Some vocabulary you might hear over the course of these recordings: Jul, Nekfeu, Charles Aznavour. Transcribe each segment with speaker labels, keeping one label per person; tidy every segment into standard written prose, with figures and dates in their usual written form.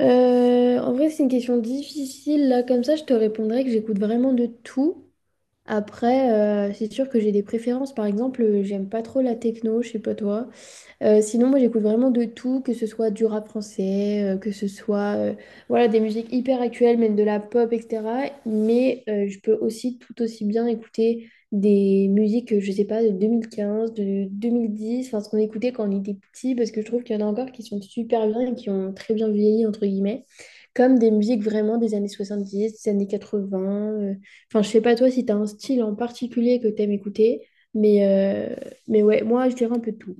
Speaker 1: En vrai, c'est une question difficile. Là, comme ça, je te répondrais que j'écoute vraiment de tout. Après, c'est sûr que j'ai des préférences. Par exemple, j'aime pas trop la techno, je sais pas toi. Sinon, moi, j'écoute vraiment de tout, que ce soit du rap français, que ce soit voilà, des musiques hyper actuelles, même de la pop, etc. Mais je peux aussi tout aussi bien écouter des musiques, je sais pas, de 2015 de 2010 enfin, ce qu'on écoutait quand on était petit, parce que je trouve qu'il y en a encore qui sont super bien et qui ont très bien vieilli, entre guillemets, comme des musiques vraiment des années 70, des années 80. Enfin, je sais pas toi si tu as un style en particulier que tu aimes écouter, mais, euh, mais ouais, moi, je dirais un peu de tout.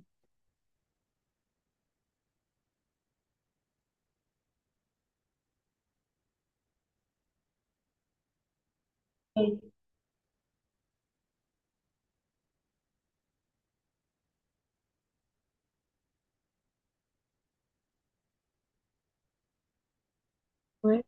Speaker 1: Ouais.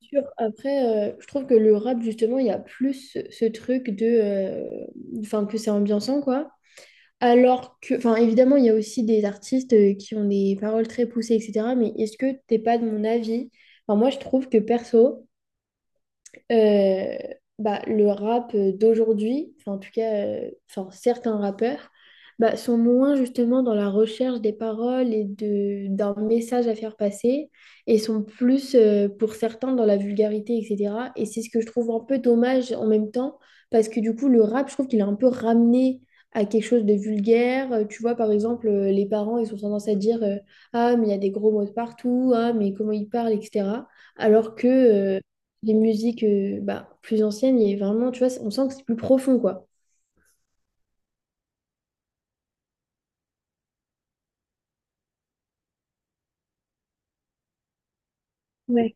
Speaker 1: Sûr. Après, je trouve que le rap, justement, il y a plus ce truc de, enfin, que c'est ambiançant, quoi. Alors que... enfin, évidemment, il y a aussi des artistes qui ont des paroles très poussées, etc. Mais est-ce que t'es pas de mon avis? Enfin, moi, je trouve que, perso... euh, bah, le rap d'aujourd'hui, enfin en tout cas, enfin, certains rappeurs, bah, sont moins justement dans la recherche des paroles et d'un message à faire passer, et sont plus pour certains dans la vulgarité, etc. Et c'est ce que je trouve un peu dommage en même temps, parce que du coup, le rap, je trouve qu'il est un peu ramené à quelque chose de vulgaire. Tu vois, par exemple, les parents, ils ont tendance à dire ah, mais il y a des gros mots de partout, ah, mais comment ils parlent, etc. Alors que... les musiques plus anciennes, il y a vraiment, tu vois, on sent que c'est plus profond, quoi. Ouais.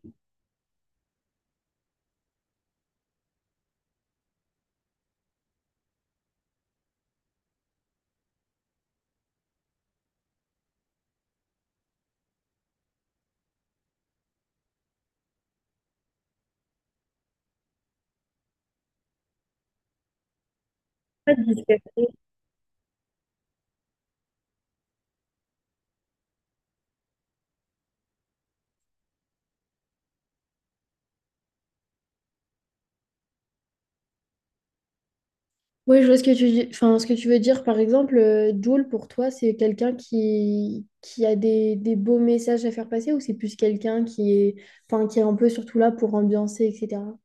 Speaker 1: Oui, je vois ce que tu dis. Enfin, ce que tu veux dire, par exemple, Jul, pour toi, c'est quelqu'un qui a des beaux messages à faire passer ou c'est plus quelqu'un qui est, enfin, qui est un peu surtout là pour ambiancer, etc.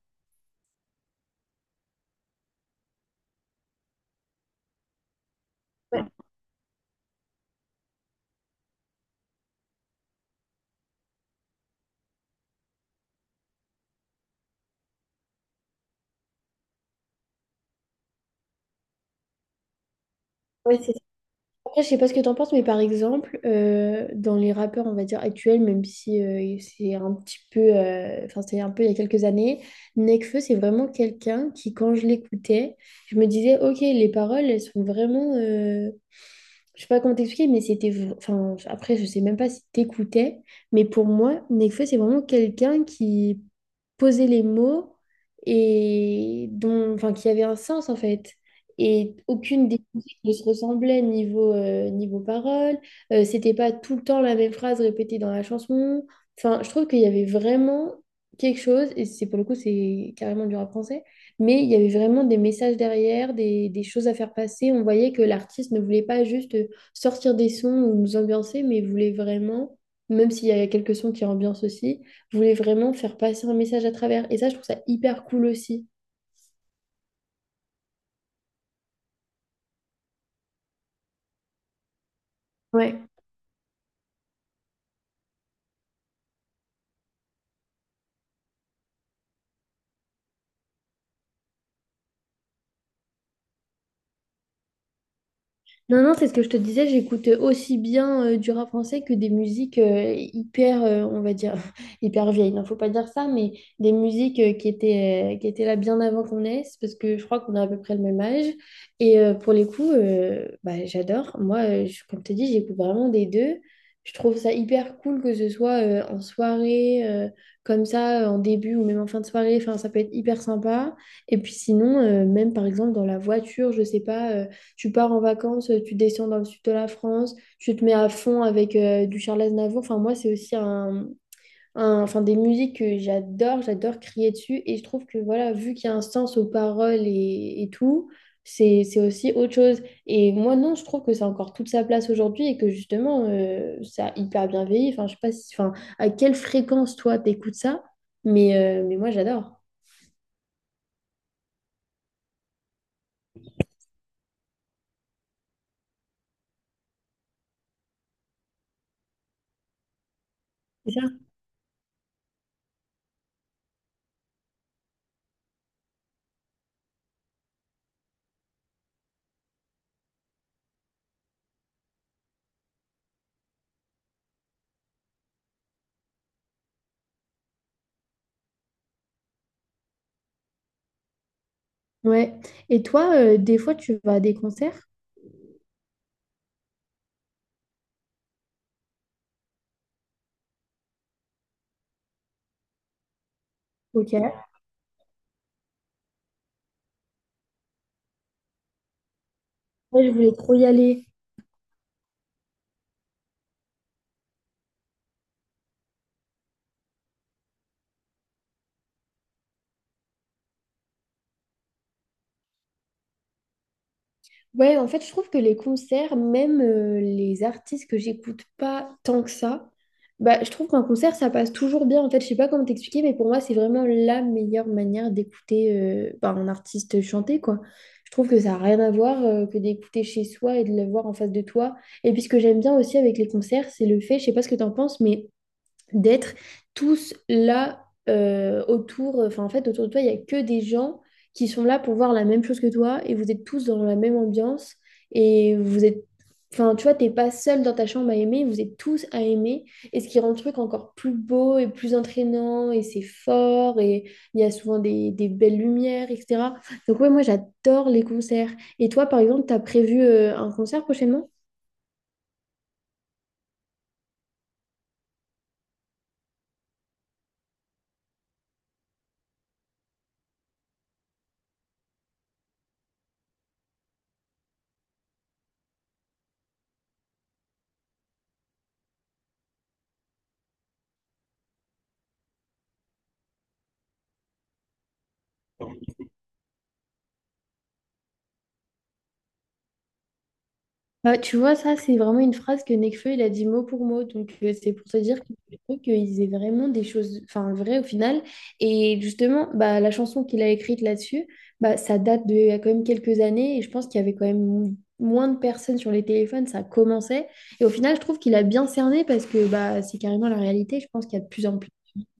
Speaker 1: Ouais, ouais, c'est après, je sais pas ce que t'en penses, mais par exemple, dans les rappeurs, on va dire actuels, même si c'est un petit peu, enfin, c'est un peu il y a quelques années, Nekfeu, c'est vraiment quelqu'un qui, quand je l'écoutais, je me disais, ok, les paroles, elles sont vraiment, je sais pas comment t'expliquer, mais c'était, enfin, après, je sais même pas si t'écoutais, mais pour moi, Nekfeu, c'est vraiment quelqu'un qui posait les mots et dont, enfin, qui avait un sens en fait. Et aucune des musiques ne se ressemblait niveau parole. C'était pas tout le temps la même phrase répétée dans la chanson. Enfin, je trouve qu'il y avait vraiment quelque chose, et c'est pour le coup, c'est carrément du rap français, mais il y avait vraiment des messages derrière, des choses à faire passer. On voyait que l'artiste ne voulait pas juste sortir des sons ou nous ambiancer, mais voulait vraiment, même s'il y a quelques sons qui ambiancent aussi, voulait vraiment faire passer un message à travers. Et ça, je trouve ça hyper cool aussi. Non, non, c'est ce que je te disais, j'écoute aussi bien du rap français que des musiques hyper, on va dire, hyper vieilles. Non, faut pas dire ça, mais des musiques qui étaient, qui étaient là bien avant qu'on naisse, parce que je crois qu'on a à peu près le même âge. Pour les coups, j'adore. Moi, comme je te dis, j'écoute vraiment des deux. Je trouve ça hyper cool que ce soit en soirée, comme ça, en début ou même en fin de soirée. Enfin, ça peut être hyper sympa. Et puis sinon, même par exemple dans la voiture, je sais pas. Tu pars en vacances, tu descends dans le sud de la France, tu te mets à fond avec du Charles Aznavour. Enfin, moi, c'est aussi un, enfin, des musiques que j'adore, j'adore crier dessus. Et je trouve que, voilà, vu qu'il y a un sens aux paroles et tout, c'est aussi autre chose. Et moi, non, je trouve que c'est encore toute sa place aujourd'hui et que justement, ça a hyper bien vieilli. Enfin, je sais pas si, enfin, à quelle fréquence, toi, t'écoutes ça, mais, mais moi, j'adore. C'est ça. Ouais. Et toi, des fois, tu vas à des concerts? Ok. Ouais, je voulais trop y aller. Ouais, en fait, je trouve que les concerts, même les artistes que j'écoute pas tant que ça, bah, je trouve qu'un concert, ça passe toujours bien. En fait, je sais pas comment t'expliquer, mais pour moi, c'est vraiment la meilleure manière d'écouter un artiste chanter, quoi. Je trouve que ça n'a rien à voir que d'écouter chez soi et de le voir en face de toi. Et puis, ce que j'aime bien aussi avec les concerts, c'est le fait, je sais pas ce que t'en penses, mais d'être tous là autour, enfin en fait autour de toi, il n'y a que des gens qui sont là pour voir la même chose que toi et vous êtes tous dans la même ambiance et vous êtes, enfin tu vois, t'es pas seul dans ta chambre à aimer, vous êtes tous à aimer et ce qui rend le truc encore plus beau et plus entraînant et c'est fort et il y a souvent des belles lumières, etc. Donc ouais, moi j'adore les concerts. Et toi par exemple, t'as prévu un concert prochainement? Bah, tu vois, ça, c'est vraiment une phrase que Nekfeu, il a dit mot pour mot. Donc, c'est pour se dire que je trouve qu'ils aient vraiment des choses, enfin, vraies au final. Et justement, bah, la chanson qu'il a écrite là-dessus, bah, ça date de, il y a quand même quelques années. Et je pense qu'il y avait quand même moins de personnes sur les téléphones. Ça commençait. Et au final, je trouve qu'il a bien cerné parce que bah, c'est carrément la réalité. Je pense qu'il y a de plus en plus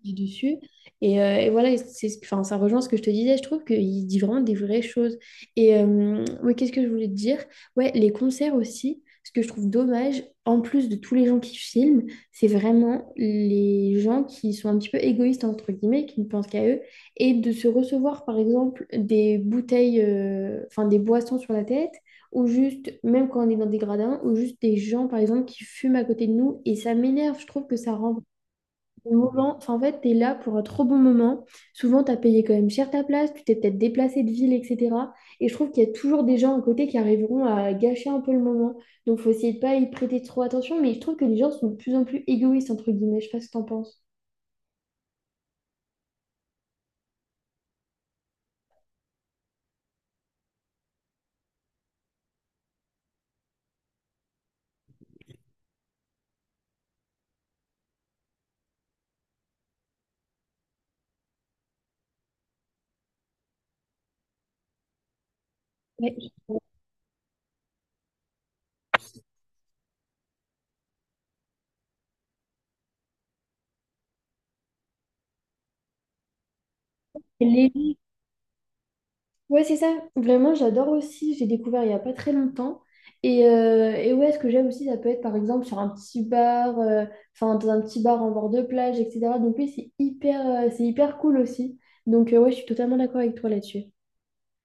Speaker 1: dit dessus. Et voilà, et c'est, enfin, ça rejoint ce que je te disais. Je trouve qu'il dit vraiment des vraies choses. Oui, qu'est-ce que je voulais te dire? Ouais, les concerts aussi, ce que je trouve dommage, en plus de tous les gens qui filment, c'est vraiment les gens qui sont un petit peu égoïstes, entre guillemets, qui ne pensent qu'à eux, et de se recevoir, par exemple, des bouteilles, enfin des boissons sur la tête, ou juste, même quand on est dans des gradins, ou juste des gens, par exemple, qui fument à côté de nous, et ça m'énerve, je trouve que ça rend au moment, enfin, en fait, tu es là pour un trop bon moment. Souvent, tu as payé quand même cher ta place, tu t'es peut-être déplacé de ville, etc. Et je trouve qu'il y a toujours des gens à côté qui arriveront à gâcher un peu le moment. Donc, faut essayer de pas y prêter trop attention. Mais je trouve que les gens sont de plus en plus égoïstes, entre guillemets. Je sais pas ce que t'en penses. Ouais. Les- Ouais, c'est ça. Vraiment, j'adore aussi. J'ai découvert il n'y a pas très longtemps. Et ouais, ce que j'aime aussi, ça peut être par exemple sur un petit bar, enfin dans un petit bar en bord de plage, etc. Donc oui, c'est hyper cool aussi. Ouais, je suis totalement d'accord avec toi là-dessus.